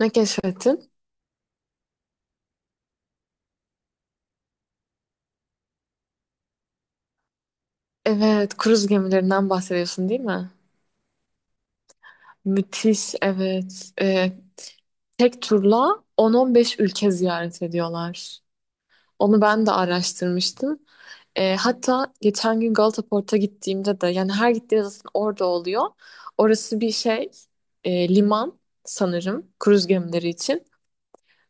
Ne keşfettin? Evet, kruz gemilerinden bahsediyorsun değil mi? Müthiş, evet. Tek turla 10-15 ülke ziyaret ediyorlar. Onu ben de araştırmıştım. Hatta geçen gün Galata Port'a gittiğimde de yani her gittiğimde zaten orada oluyor. Orası bir şey, liman sanırım kruz gemileri için.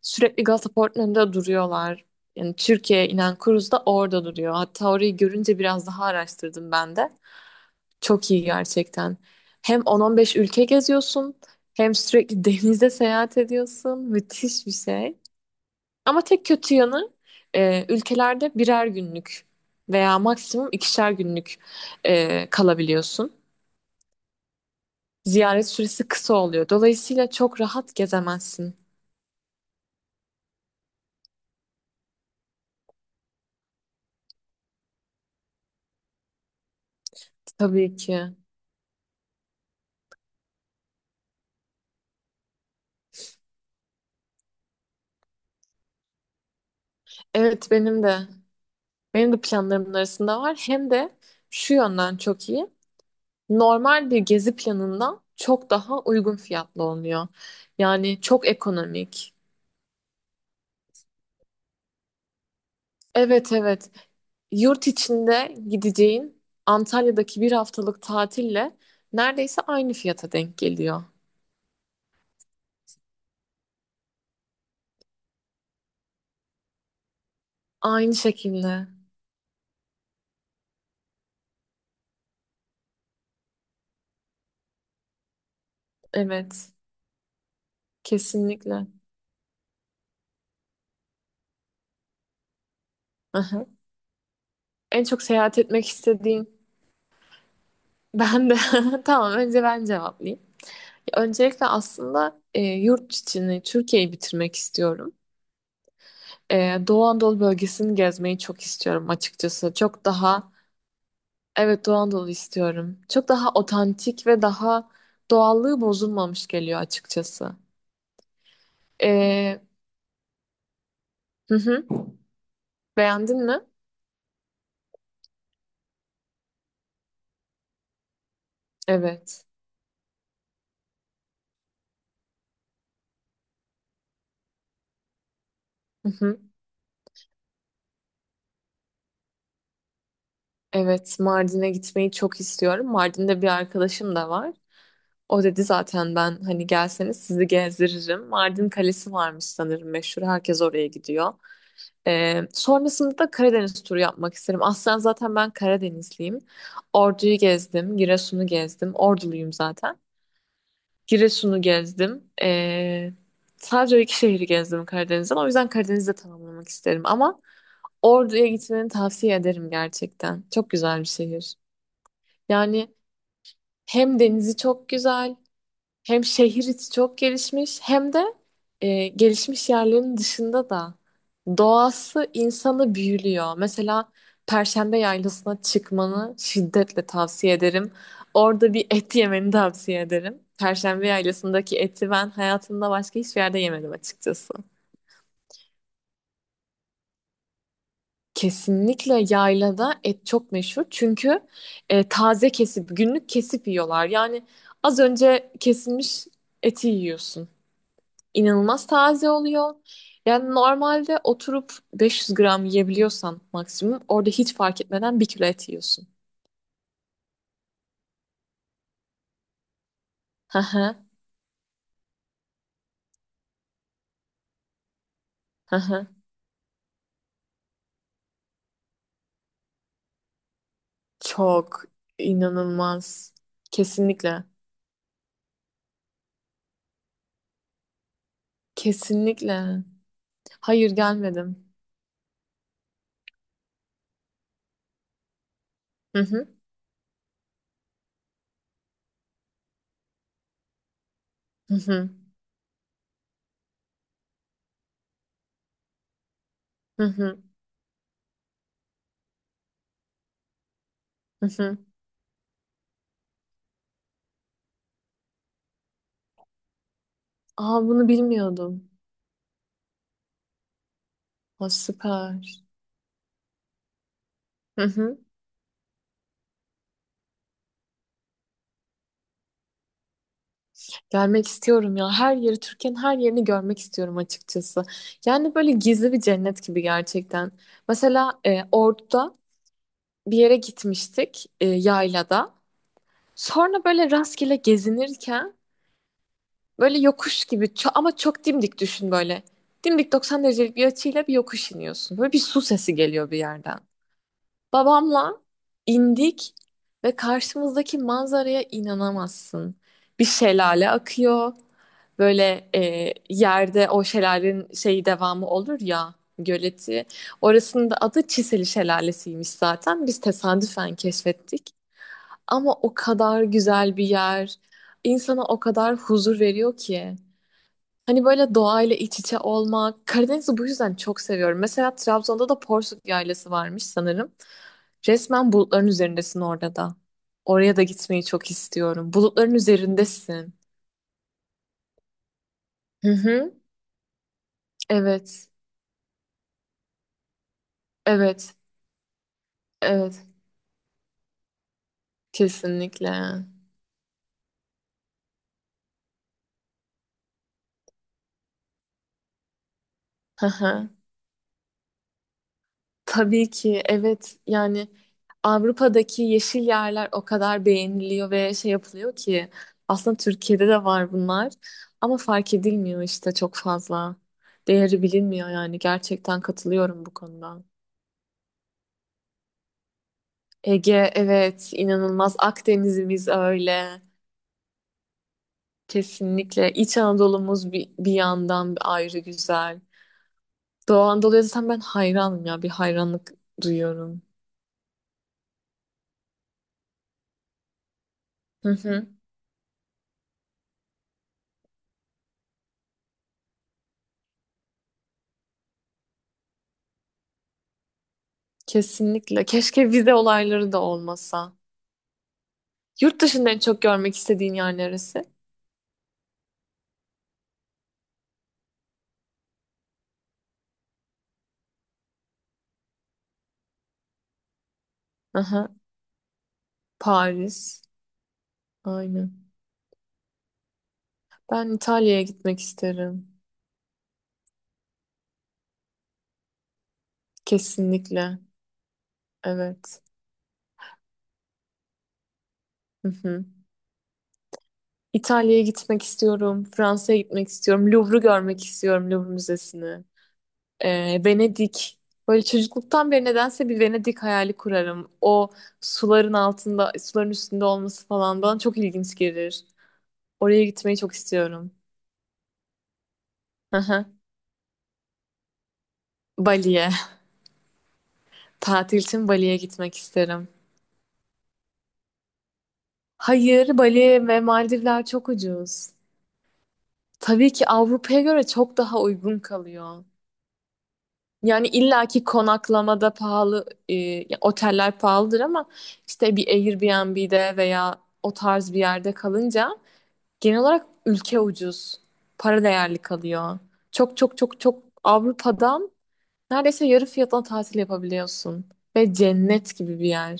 Sürekli Galata Port'un önünde duruyorlar. Yani Türkiye'ye inen kruz da orada duruyor. Hatta orayı görünce biraz daha araştırdım ben de. Çok iyi gerçekten. Hem 10-15 ülke geziyorsun, hem sürekli denizde seyahat ediyorsun. Müthiş bir şey. Ama tek kötü yanı ülkelerde birer günlük veya maksimum ikişer günlük kalabiliyorsun. Ziyaret süresi kısa oluyor. Dolayısıyla çok rahat gezemezsin. Tabii ki. Evet benim de planlarımın arasında var. Hem de şu yönden çok iyi. Normal bir gezi planından çok daha uygun fiyatlı oluyor. Yani çok ekonomik. Evet, evet. Yurt içinde gideceğin Antalya'daki bir haftalık tatille neredeyse aynı fiyata denk geliyor. Aynı şekilde. Evet. Kesinlikle. Aha. En çok seyahat etmek istediğin ben de. Tamam, önce ben cevaplayayım. Öncelikle aslında yurt içini, Türkiye'yi bitirmek istiyorum. Doğu Anadolu bölgesini gezmeyi çok istiyorum açıkçası. Çok daha, evet Doğu Anadolu istiyorum. Çok daha otantik ve daha doğallığı bozulmamış geliyor açıkçası. Ee, hı hı. Beğendin mi? Evet. Hı hı. Evet, Mardin'e gitmeyi çok istiyorum. Mardin'de bir arkadaşım da var. O dedi zaten, ben hani gelseniz sizi gezdiririm. Mardin Kalesi varmış sanırım meşhur. Herkes oraya gidiyor. Sonrasında da Karadeniz turu yapmak isterim. Aslen zaten ben Karadenizliyim. Ordu'yu gezdim, Giresun'u gezdim. Orduluyum zaten. Giresun'u gezdim. Sadece o iki şehri gezdim Karadeniz'den. O yüzden Karadeniz'de tamamlamak isterim. Ama Ordu'ya gitmeni tavsiye ederim gerçekten. Çok güzel bir şehir. Yani hem denizi çok güzel, hem şehir içi çok gelişmiş, hem de gelişmiş yerlerin dışında da doğası insanı büyülüyor. Mesela Perşembe Yaylası'na çıkmanı şiddetle tavsiye ederim. Orada bir et yemeni tavsiye ederim. Perşembe Yaylası'ndaki eti ben hayatımda başka hiçbir yerde yemedim açıkçası. Kesinlikle yaylada et çok meşhur, çünkü taze kesip, günlük kesip yiyorlar. Yani az önce kesilmiş eti yiyorsun. İnanılmaz taze oluyor. Yani normalde oturup 500 gram yiyebiliyorsan maksimum, orada hiç fark etmeden bir kilo et yiyorsun. Hı hı, hı hı. Çok inanılmaz. Kesinlikle. Kesinlikle. Hayır, gelmedim. Hı hı, hı hı, hı hı, hı hı. Aa, bunu bilmiyordum. Aa, süper. Hı hı. Gelmek istiyorum ya. Her yeri, Türkiye'nin her yerini görmek istiyorum açıkçası. Yani böyle gizli bir cennet gibi gerçekten. Mesela Ordu'da bir yere gitmiştik yaylada. Sonra böyle rastgele gezinirken böyle yokuş gibi ama çok dimdik, düşün böyle. Dimdik 90 derecelik bir açıyla bir yokuş iniyorsun. Böyle bir su sesi geliyor bir yerden. Babamla indik ve karşımızdaki manzaraya inanamazsın. Bir şelale akıyor. Böyle yerde o şelalenin şeyi, devamı olur ya, göleti. Orasının da adı Çiseli Şelalesiymiş zaten. Biz tesadüfen keşfettik. Ama o kadar güzel bir yer. İnsana o kadar huzur veriyor ki. Hani böyle doğayla iç içe olmak. Karadeniz'i bu yüzden çok seviyorum. Mesela Trabzon'da da Porsuk Yaylası varmış sanırım. Resmen bulutların üzerindesin orada da. Oraya da gitmeyi çok istiyorum. Bulutların üzerindesin. Hı hı. Evet. Evet. Evet. Kesinlikle. Hı hı. Tabii ki evet, yani Avrupa'daki yeşil yerler o kadar beğeniliyor ve şey yapılıyor ki, aslında Türkiye'de de var bunlar ama fark edilmiyor işte çok fazla. Değeri bilinmiyor, yani gerçekten katılıyorum bu konuda. Ege, evet, inanılmaz. Akdeniz'imiz öyle, kesinlikle. İç Anadolu'muz bir yandan ayrı güzel. Doğu Anadolu'ya zaten ben hayranım ya, bir hayranlık duyuyorum. Hı hı, kesinlikle. Keşke vize olayları da olmasa. Yurt dışında en çok görmek istediğin yer neresi? Aha, Paris. Aynen. Ben İtalya'ya gitmek isterim. Kesinlikle. Evet. Hı hı. İtalya'ya gitmek istiyorum. Fransa'ya gitmek istiyorum. Louvre'u görmek istiyorum. Louvre Müzesi'ni. Venedik. Böyle çocukluktan beri nedense bir Venedik hayali kurarım. O suların altında, suların üstünde olması falan bana çok ilginç gelir. Oraya gitmeyi çok istiyorum. Aha. Bali'ye. Tatil için Bali'ye gitmek isterim. Hayır, Bali ve Maldivler çok ucuz. Tabii ki, Avrupa'ya göre çok daha uygun kalıyor. Yani illaki konaklamada pahalı, ya oteller pahalıdır ama işte bir Airbnb'de veya o tarz bir yerde kalınca genel olarak ülke ucuz. Para değerli kalıyor. Çok çok çok çok Avrupa'dan neredeyse yarı fiyatına tatil yapabiliyorsun. Ve cennet gibi bir yer.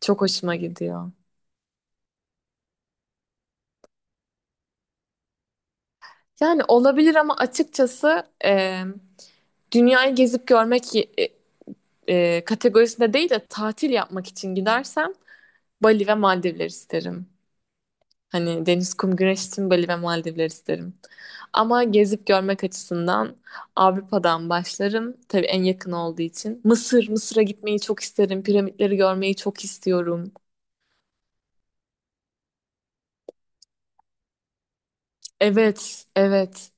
Çok hoşuma gidiyor. Yani olabilir, ama açıkçası dünyayı gezip görmek kategorisinde değil de tatil yapmak için gidersem Bali ve Maldivler isterim. Hani deniz, kum, güneş için Bali ve Maldivler isterim. Ama gezip görmek açısından Avrupa'dan başlarım. Tabii en yakın olduğu için. Mısır, Mısır'a gitmeyi çok isterim. Piramitleri görmeyi çok istiyorum. Evet, evet.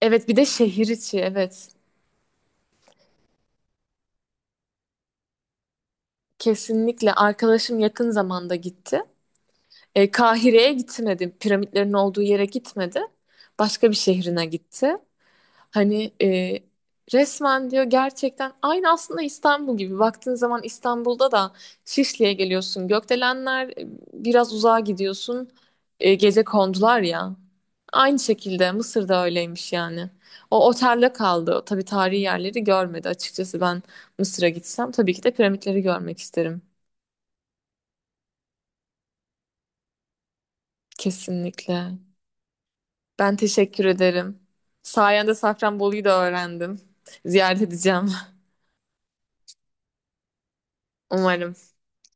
Evet, bir de şehir içi, evet. Kesinlikle. Arkadaşım yakın zamanda gitti. Kahire'ye gitmedi. Piramitlerin olduğu yere gitmedi. Başka bir şehrine gitti. Hani resmen diyor, gerçekten aynı aslında İstanbul gibi. Baktığın zaman İstanbul'da da Şişli'ye geliyorsun. Gökdelenler, biraz uzağa gidiyorsun. Gece kondular ya. Aynı şekilde Mısır'da öyleymiş yani. O otelde kaldı. Tabii tarihi yerleri görmedi. Açıkçası ben Mısır'a gitsem tabii ki de piramitleri görmek isterim. Kesinlikle. Ben teşekkür ederim. Sayende Safranbolu'yu da öğrendim. Ziyaret edeceğim. Umarım.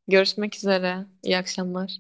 Görüşmek üzere. İyi akşamlar.